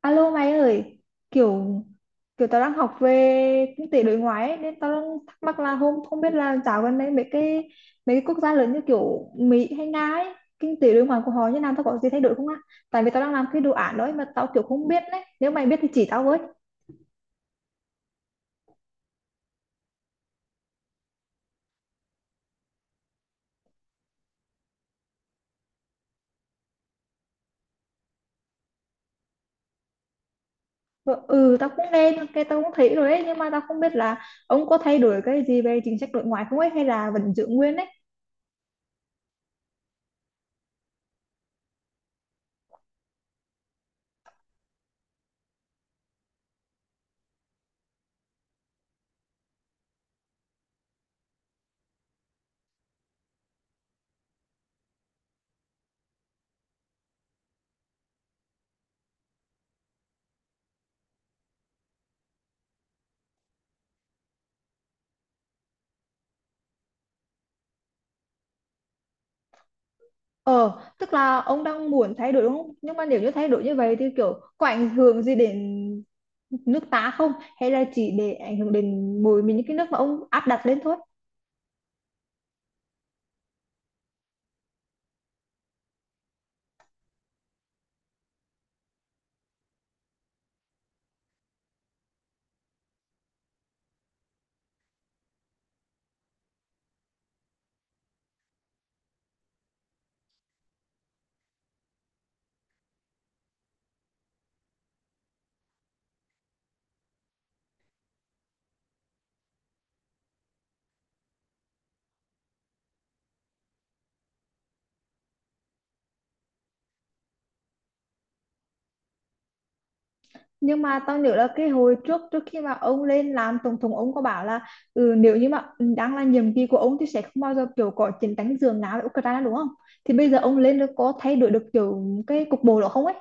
Alo mày ơi, kiểu kiểu tao đang học về kinh tế đối ngoại ấy, nên tao đang thắc mắc là không không biết là dạo gần đây mấy cái quốc gia lớn như kiểu Mỹ hay Nga ấy, kinh tế đối ngoại của họ như nào tao có gì thay đổi không á? Tại vì tao đang làm cái đồ án đấy mà tao kiểu không biết đấy. Nếu mày biết thì chỉ tao với. Ờ, ừ, tao cũng nghe, cái tao cũng thấy rồi ấy, nhưng mà tao không biết là ông có thay đổi cái gì về chính sách đối ngoại không ấy hay là vẫn giữ nguyên ấy. Ờ, tức là ông đang muốn thay đổi đúng không? Nhưng mà nếu như thay đổi như vậy thì kiểu có ảnh hưởng gì đến nước ta không? Hay là chỉ để ảnh hưởng đến mỗi mình những cái nước mà ông áp đặt lên thôi? Nhưng mà tao nhớ là cái hồi trước trước khi mà ông lên làm tổng thống ông có bảo là nếu như mà đang là nhiệm kỳ của ông thì sẽ không bao giờ kiểu có chiến tranh giường nào với Ukraine đúng không? Thì bây giờ ông lên được có thay đổi được kiểu cái cục bộ đó không ấy?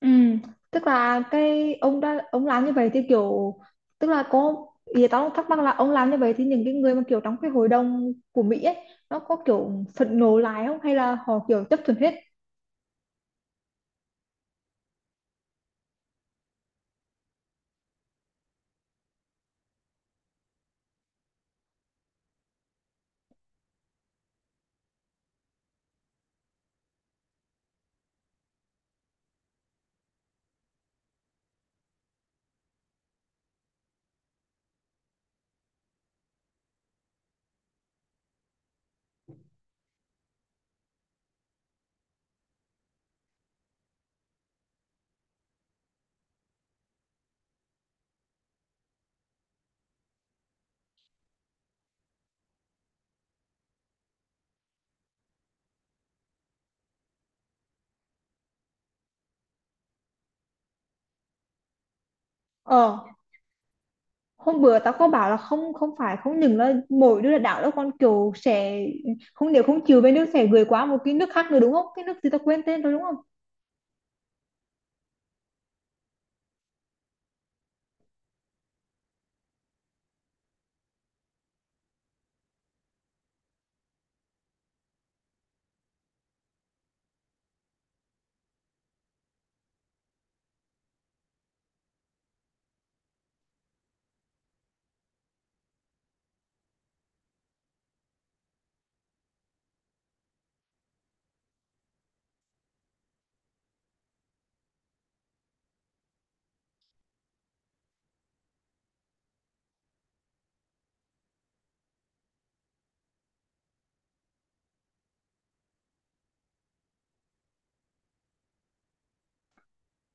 Ừ, tức là cái ông làm như vậy thì kiểu tức là có ý tao thắc mắc là ông làm như vậy thì những cái người mà kiểu trong cái hội đồng của Mỹ ấy nó có kiểu phẫn nộ lại không hay là họ kiểu chấp thuận hết. Ờ, hôm bữa tao có bảo là không không phải không những là mỗi đứa là đảo đâu, còn kiểu sẽ không, nếu không chịu bên nước sẽ gửi qua một cái nước khác nữa đúng không, cái nước gì tao quên tên rồi đúng không.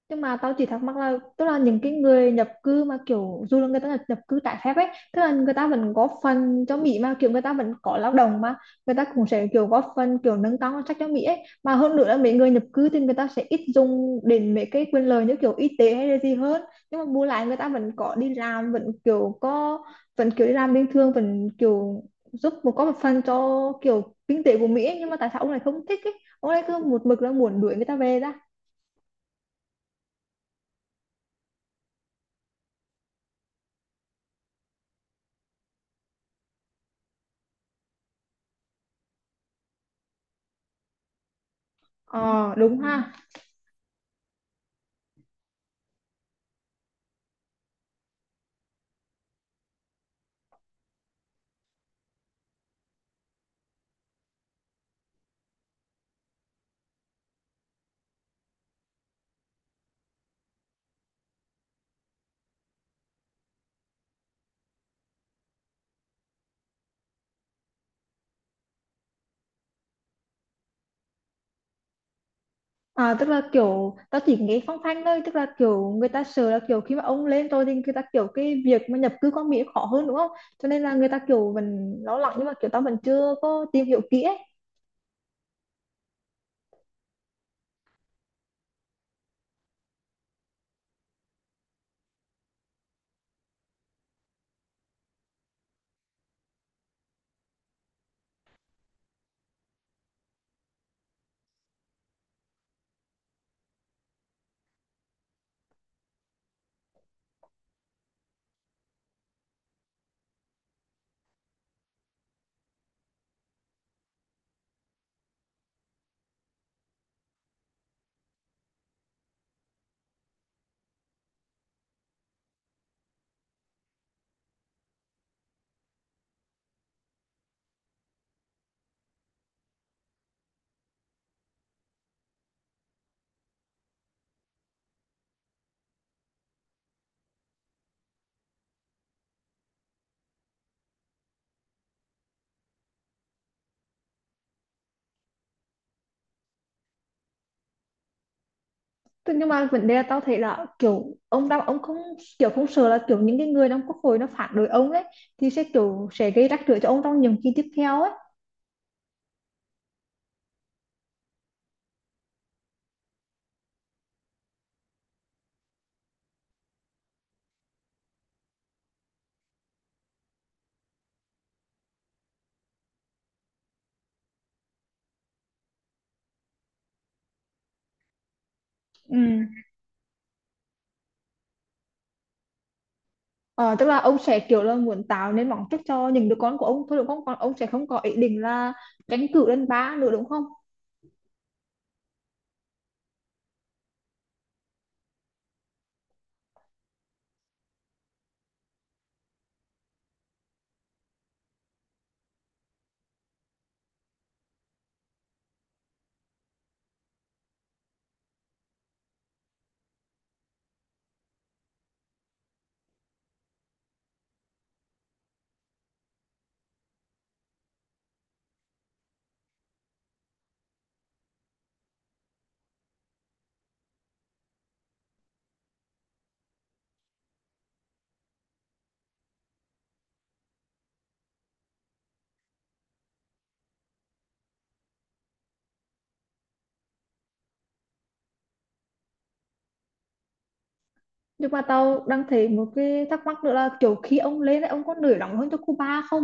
Nhưng mà tao chỉ thắc mắc là tức là những cái người nhập cư mà kiểu dù là người ta nhập cư trái phép ấy, tức là người ta vẫn góp phần cho Mỹ mà, kiểu người ta vẫn có lao động mà, người ta cũng sẽ kiểu góp phần kiểu nâng cao ngân sách cho Mỹ ấy, mà hơn nữa là mấy người nhập cư thì người ta sẽ ít dùng đến mấy cái quyền lợi như kiểu y tế hay là gì hơn, nhưng mà bù lại người ta vẫn có đi làm, vẫn kiểu đi làm bình thường, vẫn kiểu giúp một có một phần cho kiểu kinh tế của Mỹ ấy. Nhưng mà tại sao ông lại không thích ấy, ông lại cứ một mực là muốn đuổi người ta về ra. Ờ đúng ha. À, tức là kiểu tao chỉ nghe phong phanh thôi, tức là kiểu người ta sợ là kiểu khi mà ông lên rồi thì người ta kiểu cái việc mà nhập cư qua Mỹ khó hơn đúng không, cho nên là người ta kiểu vẫn lo lắng nhưng mà kiểu tao vẫn chưa có tìm hiểu kỹ ấy. Tức- nhưng mà vấn đề là tao thấy là kiểu ông đang ông không kiểu không sợ là kiểu những cái người trong quốc hội nó phản đối ông ấy, thì sẽ kiểu sẽ gây rắc rối cho ông trong nhiệm kỳ tiếp theo ấy. Ừ. Ờ, tức là ông sẽ kiểu là muốn tạo nên mong trước cho những đứa con của ông thôi đúng không, còn ông sẽ không có ý định là tranh cử lên ba nữa đúng không. Nhưng mà tao đang thấy một cái thắc mắc nữa là kiểu khi ông lên ấy, ông có nổi nóng hơn cho Cuba không?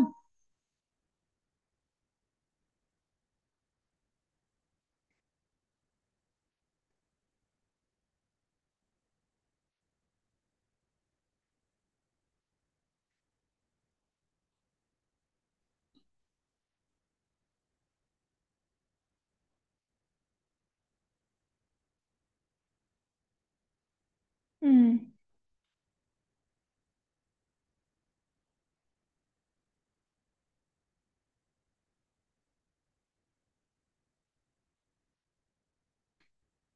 Ừ.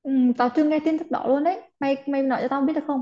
Ừ, tao chưa nghe tin tức đó luôn đấy. Mày mày nói cho tao biết được không?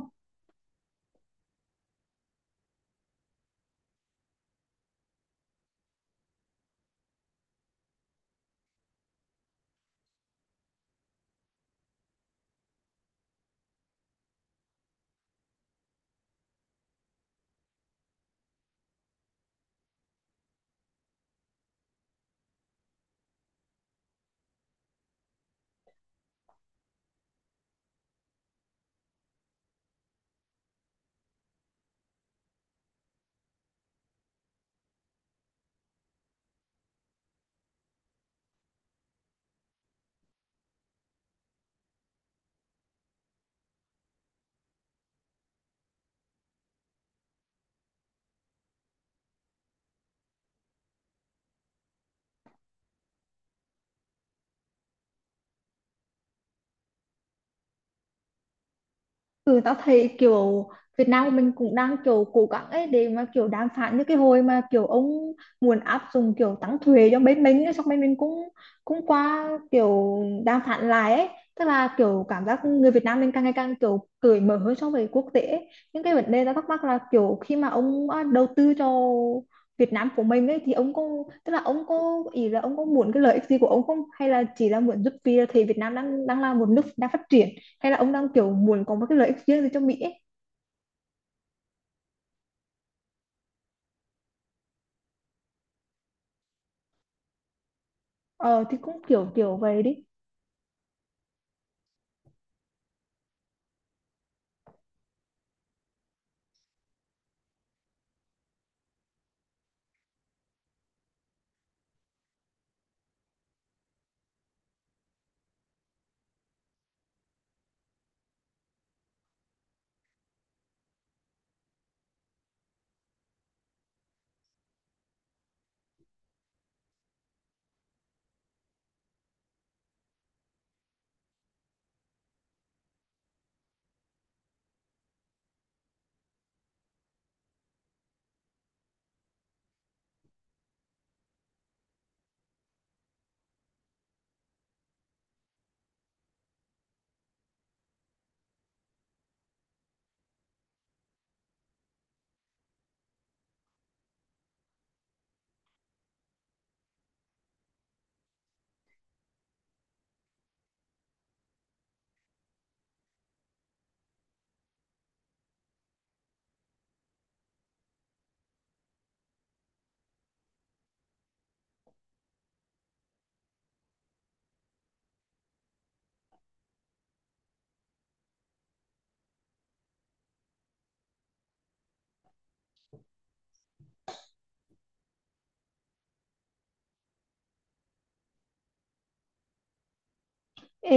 Ừ, tao thấy kiểu Việt Nam mình cũng đang kiểu cố gắng ấy để mà kiểu đàm phán, như cái hồi mà kiểu ông muốn áp dụng kiểu tăng thuế cho bên mình ấy, xong bên mình cũng cũng qua kiểu đàm phán lại ấy, tức là kiểu cảm giác người Việt Nam mình càng ngày càng kiểu cởi mở hơn so với quốc tế ấy. Những cái vấn đề tao thắc mắc là kiểu khi mà đầu tư cho Việt Nam của mình ấy thì ông có tức là ông có ý là ông có muốn cái lợi ích gì của ông không, hay là chỉ là muốn giúp vì là thấy Việt Nam đang đang là một nước đang phát triển, hay là ông đang kiểu muốn có một cái lợi ích riêng gì cho Mỹ ấy. Ờ thì cũng kiểu kiểu vậy đi.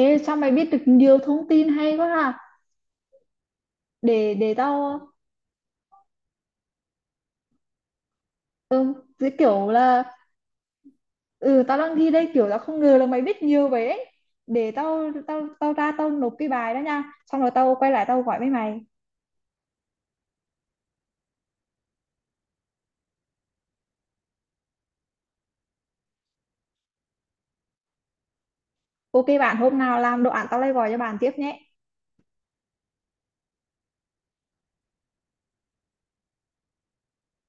Ê sao mày biết được nhiều thông tin hay quá ha. Để tao ừ, cái kiểu là ừ tao đang thi đây, kiểu tao không ngờ là mày biết nhiều vậy ấy. Để tao tao tao ra tao nộp cái bài đó nha. Xong rồi tao quay lại tao gọi với mày. Ok bạn, hôm nào làm đồ án tao lại gọi cho bạn tiếp nhé.